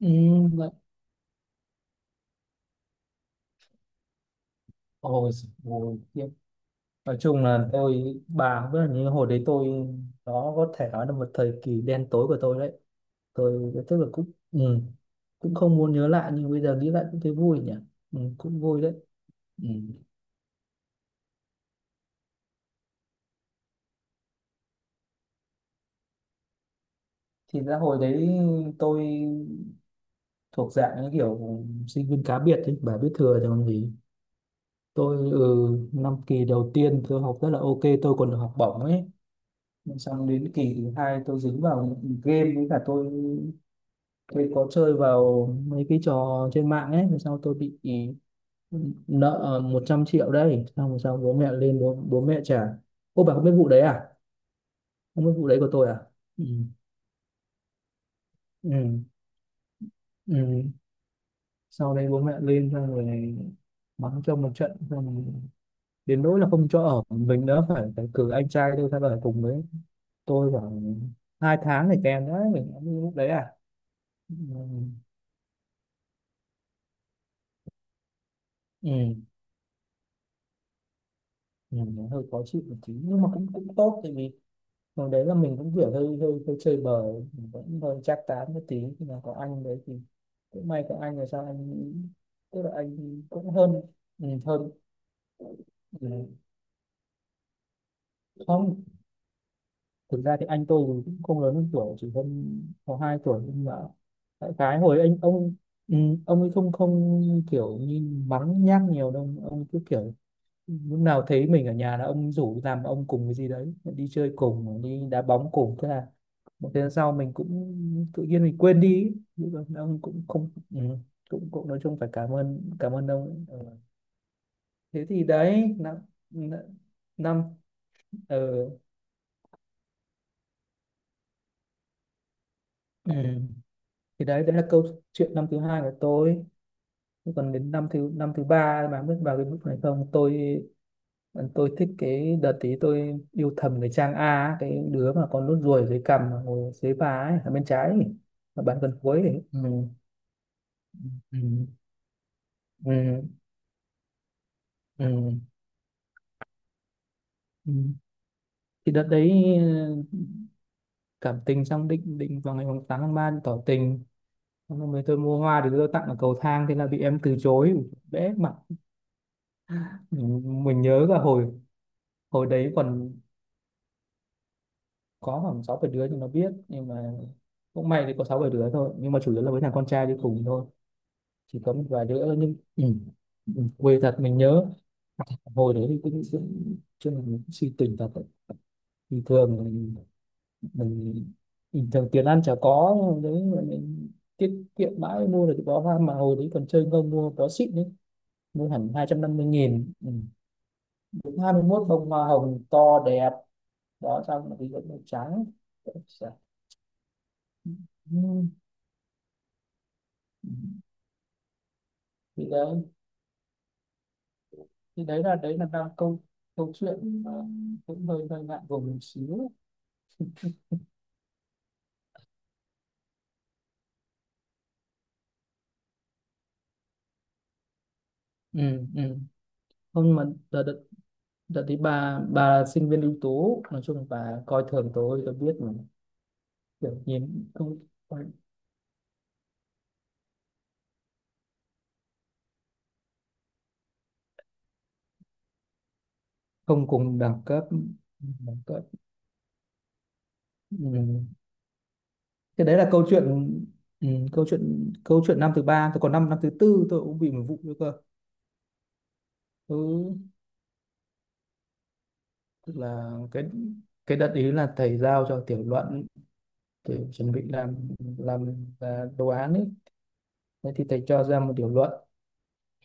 Ừ, vậy. Ôi, giời ôi, khiếp. Nói chung là tôi bà cũng biết là như hồi đấy, tôi đó có thể nói là một thời kỳ đen tối của tôi đấy. Tôi tức là cũng, cũng không muốn nhớ lại nhưng bây giờ nghĩ lại cũng thấy vui nhỉ. Ừ, cũng vui đấy. Ừ. Thì ra hồi đấy tôi thuộc dạng như kiểu sinh viên cá biệt ấy, bà biết thừa rồi còn gì. Tôi, năm kỳ đầu tiên tôi học rất là ok, tôi còn được học bổng ấy. Xong đến kỳ thứ hai tôi dính vào game với cả tôi có chơi vào mấy cái trò trên mạng ấy mà sao tôi bị nợ 100 triệu đấy. Xong rồi sau bố mẹ lên, bố mẹ trả. Ô bà không biết vụ đấy à? Không biết vụ đấy của tôi à? Ừ. Ừ. Ừ. Sau đấy bố mẹ lên xong rồi mắng cho một trận, xong rồi đến nỗi là không cho ở mình nữa, phải phải cử anh trai tôi ra ở cùng với tôi khoảng 2 tháng này kèm đấy, mình cũng như lúc đấy à. Ừ. Ừ. Ừ. Nó hơi khó chịu một tí nhưng mà cũng cũng tốt tại vì còn đấy là mình cũng kiểu hơi hơi hơi chơi bời, mình vẫn hơi chắc tán một tí nhưng mà có anh đấy thì cũng may có anh. Là sao anh, tức là anh cũng hơn, hơn. Ừ. Không, thực ra thì anh tôi thì cũng không lớn hơn tuổi, chỉ hơn có 2 tuổi nhưng mà đại khái hồi anh ông, ừ, ông ấy không không kiểu như mắng nhác nhiều đâu, ông cứ kiểu lúc nào thấy mình ở nhà là ông rủ làm ông cùng cái gì đấy, đi chơi cùng, đi đá bóng cùng, thế là một thời gian sau mình cũng tự nhiên mình quên đi ý. Nhưng mà ông cũng không, cũng cũng nói chung phải cảm ơn ông ấy. Ừ. Thế thì đấy năm n- năm, ờ, ừ. Thì đấy đấy là câu chuyện năm thứ hai của tôi. Thế còn đến năm thứ năm, thứ ba mà biết vào cái mức này không tôi. Vâng, tôi thích cái đợt tí tôi yêu thầm cái Trang A á, cái đứa mà con nốt ruồi dưới cằm mà ngồi dưới vai ấy, ở bên trái ấy, ở bàn gần cuối ấy. Ừ. Ừ. Ừ. Ừ. Ừ. Thì đợt đấy, ừ, cảm tình xong định định vào ngày mùng 8 tháng 3 tỏ tình. Xong rồi tôi mua hoa để tôi tặng ở cầu thang, thế là bị em từ chối. Ủa, bẽ mặt. Mình nhớ cả hồi, hồi đấy còn có khoảng 6, 7 đứa nhưng nó biết nhưng mà cũng may thì có 6, 7 đứa thôi, nhưng mà chủ yếu là với thằng con trai đi cùng thôi, chỉ có một vài đứa nhưng, quê thật. Mình nhớ hồi đấy thì cũng cũng chứ là mình cũng suy tình thật đấy. Thì thường mình bình thường tiền ăn chả có nhưng mà đấy, mà mình tiết kiệm mãi mua được cái bó hoa, mà hồi đấy còn chơi không mua bó xịn đấy, mua hẳn 250.000. Ừ. Đúng 21 bông hoa hồng to đẹp đó, xong thì vẫn màu trắng. Ôi giời. Ừ. thì đấy thì đấy là đấy là đang câu câu chuyện mà cũng hơi hơi ngại ngùng một xíu. Ừ. Ừ. Không mà đợt, đợt, đợt đấy bà là sinh viên ưu tú, nói chung là bà coi thường tôi biết mà. Kiểu nhìn, không không cùng đẳng cấp, đẳng cấp. Ừ. Cái đấy là câu chuyện, câu chuyện năm thứ ba tôi, còn năm năm thứ tư tôi cũng bị một vụ nữa cơ. ừ, Tức là cái đợt ý là thầy giao cho tiểu luận để chuẩn bị làm, à, đồ án ấy. Thế thì thầy cho ra một tiểu luận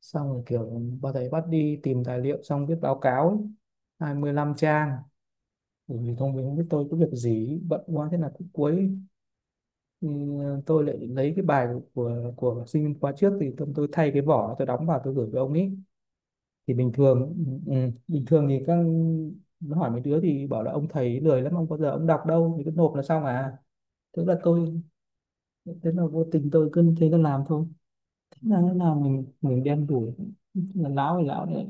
xong rồi kiểu bà, thầy bắt đi tìm tài liệu xong viết báo cáo ấy, 25 trang, bởi vì thông minh biết tôi có việc gì bận quá thế là cũng cuối, ừ, tôi lại lấy cái bài của sinh khóa trước, thì tôi thay cái vỏ, tôi đóng vào tôi gửi với ông ấy. Thì bình thường, bình thường thì các, nó hỏi mấy đứa thì bảo là ông thầy lười lắm, ông bao giờ ông đọc đâu thì cứ nộp là xong à. Tức là tôi, thế là vô tình tôi cứ thế tôi làm thôi. Thế là nó là mình đen đủi là lão, thì lão đấy.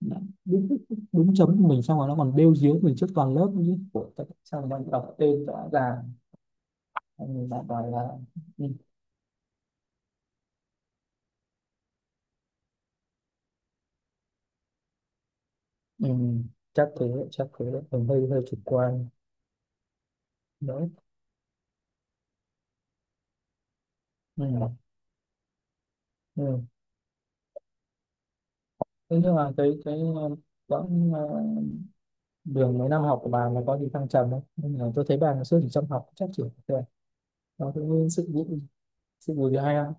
Đã, đúng, đúng chấm của mình xong rồi nó còn bêu díu mình trước toàn lớp nữa chứ. Ủa, tại sao mà đọc tên rõ ràng. Xong lại bạn bảo là, ừ, ừ, chắc thế chắc thế. Mình hơi hơi chủ quan đấy. Ừ. Ừ. Thế nhưng mà cái, quãng, đường mấy năm học của bà nó có gì thăng trầm không, nhưng mà tôi thấy bà ngày xưa chỉ chăm học chắc chỉ rồi, nó cũng sự vụ gì hay không.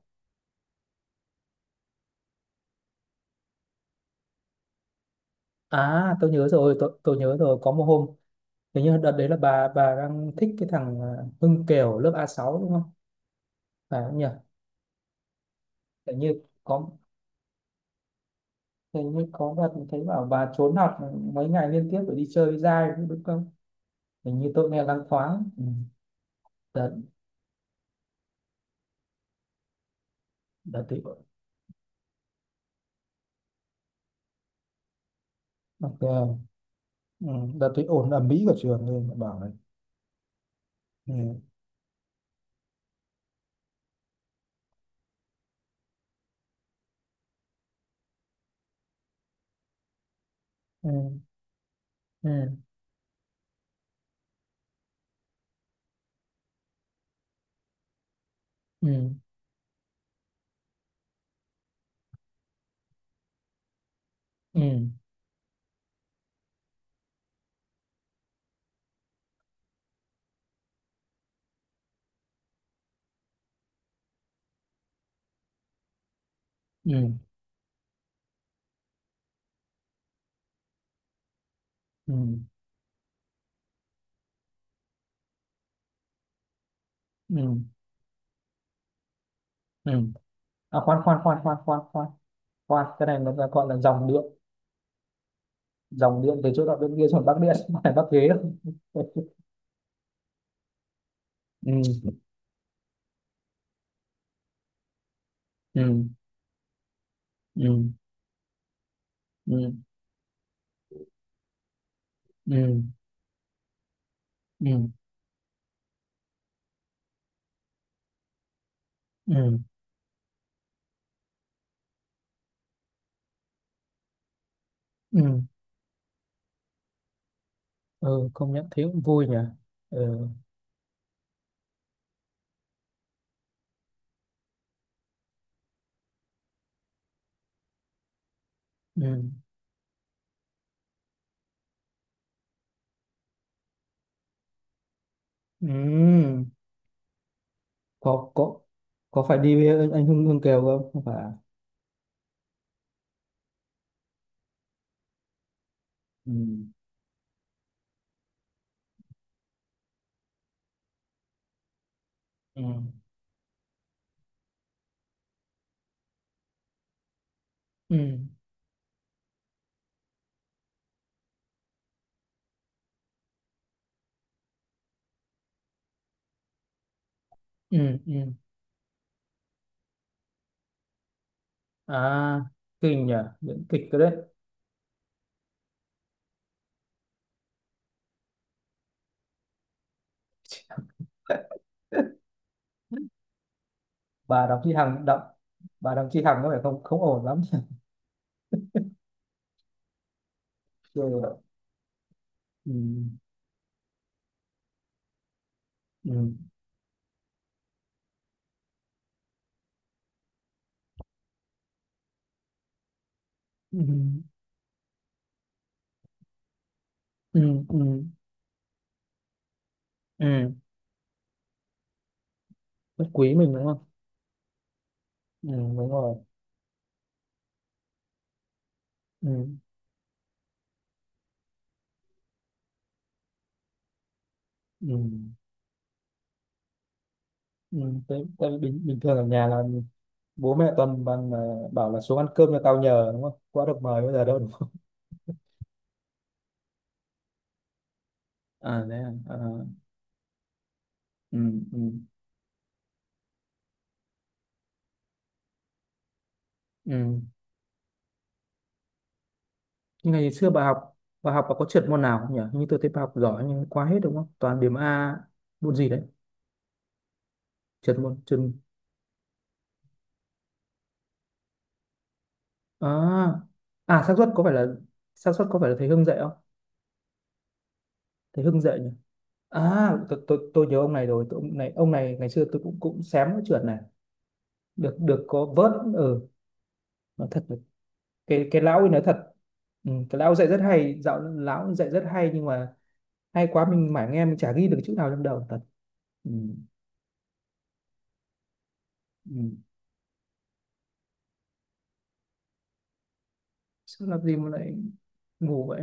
À, tôi nhớ rồi, có một hôm hình như đợt đấy là bà đang thích cái thằng, Hưng Kiều lớp A6 đúng không? Phải không nhỉ? Hình như có hình như có đợt thấy bảo bà trốn học mấy ngày liên tiếp để đi chơi với giai đúng không? Hình như tôi nghe loáng thoáng. Ừ. Đợt, đợt thì đợt, ờ, ừ, đợt thì ồn ầm ĩ cả trường lên mà bảo này. Ừ. Ừ. Ừ. Ừ. Ừ. Ừ. Ừ. Ừ. Ừ. À, khoan khoan khoan khoan khoan khoan khoan, cái này nó gọi là dòng điện. Dòng điện từ chỗ đó bên kia xuống bắc điện, không phải bắc ghế đâu. Ừ. Ừ. Ừ. Ừ. Ừ. Ừ. Ừ. ừ, ừ, công nhận thấy cũng vui nhỉ. Ừ. Ừ. Ừ. Có, có phải đi với anh Hưng Hưng Kiều không? Không phải à? Ừ. Ừ. Ừ. Ừ. Ừ. À kinh nhỉ, những kịch cái đấy. Bà Đặng Chí Hằng đậm, bà Đặng Chí Hằng có vẻ không không ổn lắm. Ừ. Ừ. Ừ. Ừ. Ừ. Ừ. Ừ. Rất quý mình đúng không? Ừ, đúng rồi. Ừ. Ừ. Ừ, tại vì bình thường ở nhà là bố mẹ toàn bằng, bảo là xuống ăn cơm cho tao nhờ đúng không? Quá được mời bây giờ đâu đúng không? À đấy à. À. Ừ, ừ, ừ. Nhưng ngày xưa bà học, bà có trượt môn nào không nhỉ? Hình như tôi thấy bà học giỏi nhưng quá hết đúng không? Toàn điểm A. Môn gì đấy? Trượt môn trượt à? À, xác suất có phải là, thầy Hưng dạy không? Thầy Hưng dạy nhỉ? À tôi nhớ ông này rồi, tôi, ông này ngày xưa tôi cũng cũng xém cái trượt này. Được được có vớt. Ừ, nó thật. Cái lão ấy nói thật. Ừ, cái lão dạy rất hay, dạo lão dạy rất hay nhưng mà hay quá mình mải nghe, mình chả ghi được chữ nào trong đầu thật. Ừ. Ừ. Sao làm gì mà lại ngủ vậy?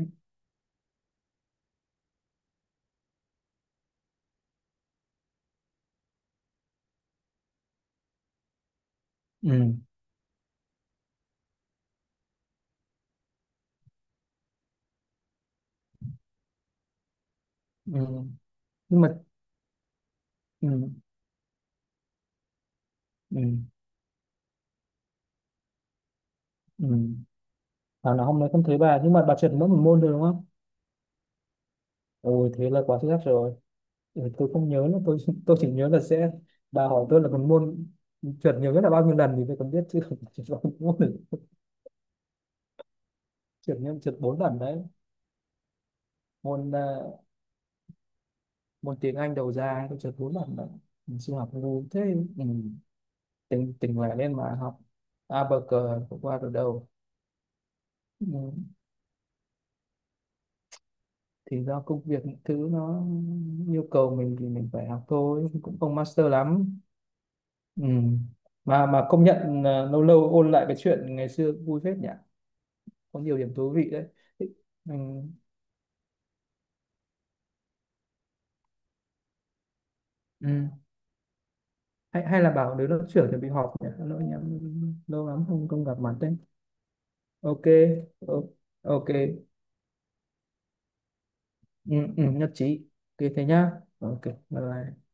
Ừ. Ừ. Nhưng mà, ừ. Ừ. Ừ. Thảo nào hôm nay không thấy bà, nhưng mà bà chuyển mỗi một môn thôi đúng không? Ôi thế là quá xuất sắc rồi. Ừ, tôi không nhớ nữa tôi. Tôi chỉ nhớ là sẽ, bà hỏi tôi là một môn trượt nhiều nhất là bao nhiêu lần thì tôi còn biết, chứ không trượt bao nhiêu môn được. Trượt nhiều, trượt 4 lần đấy. Môn, môn tiếng Anh đầu ra, tôi chợt muốn bạn mình xin học ngu thế. Ừ. tình tình lại lên mà học, a bờ cờ cũng qua được đầu. Ừ. Thì do công việc, những thứ nó yêu cầu mình thì mình phải học thôi, cũng không master lắm. Ừ. mà công nhận là lâu lâu ôn lại cái chuyện ngày xưa vui phết nhỉ. Có nhiều điểm thú vị đấy. Thích. Ừ. Ừ. Hay là bảo đứa lớp trưởng chuẩn bị họp nhỉ, lỗi nhỉ, lâu lắm không không gặp mặt đấy. Ok. O- ok. Ừ, ừ, nhất trí. Ok thế nhá. Ok bye. Bye.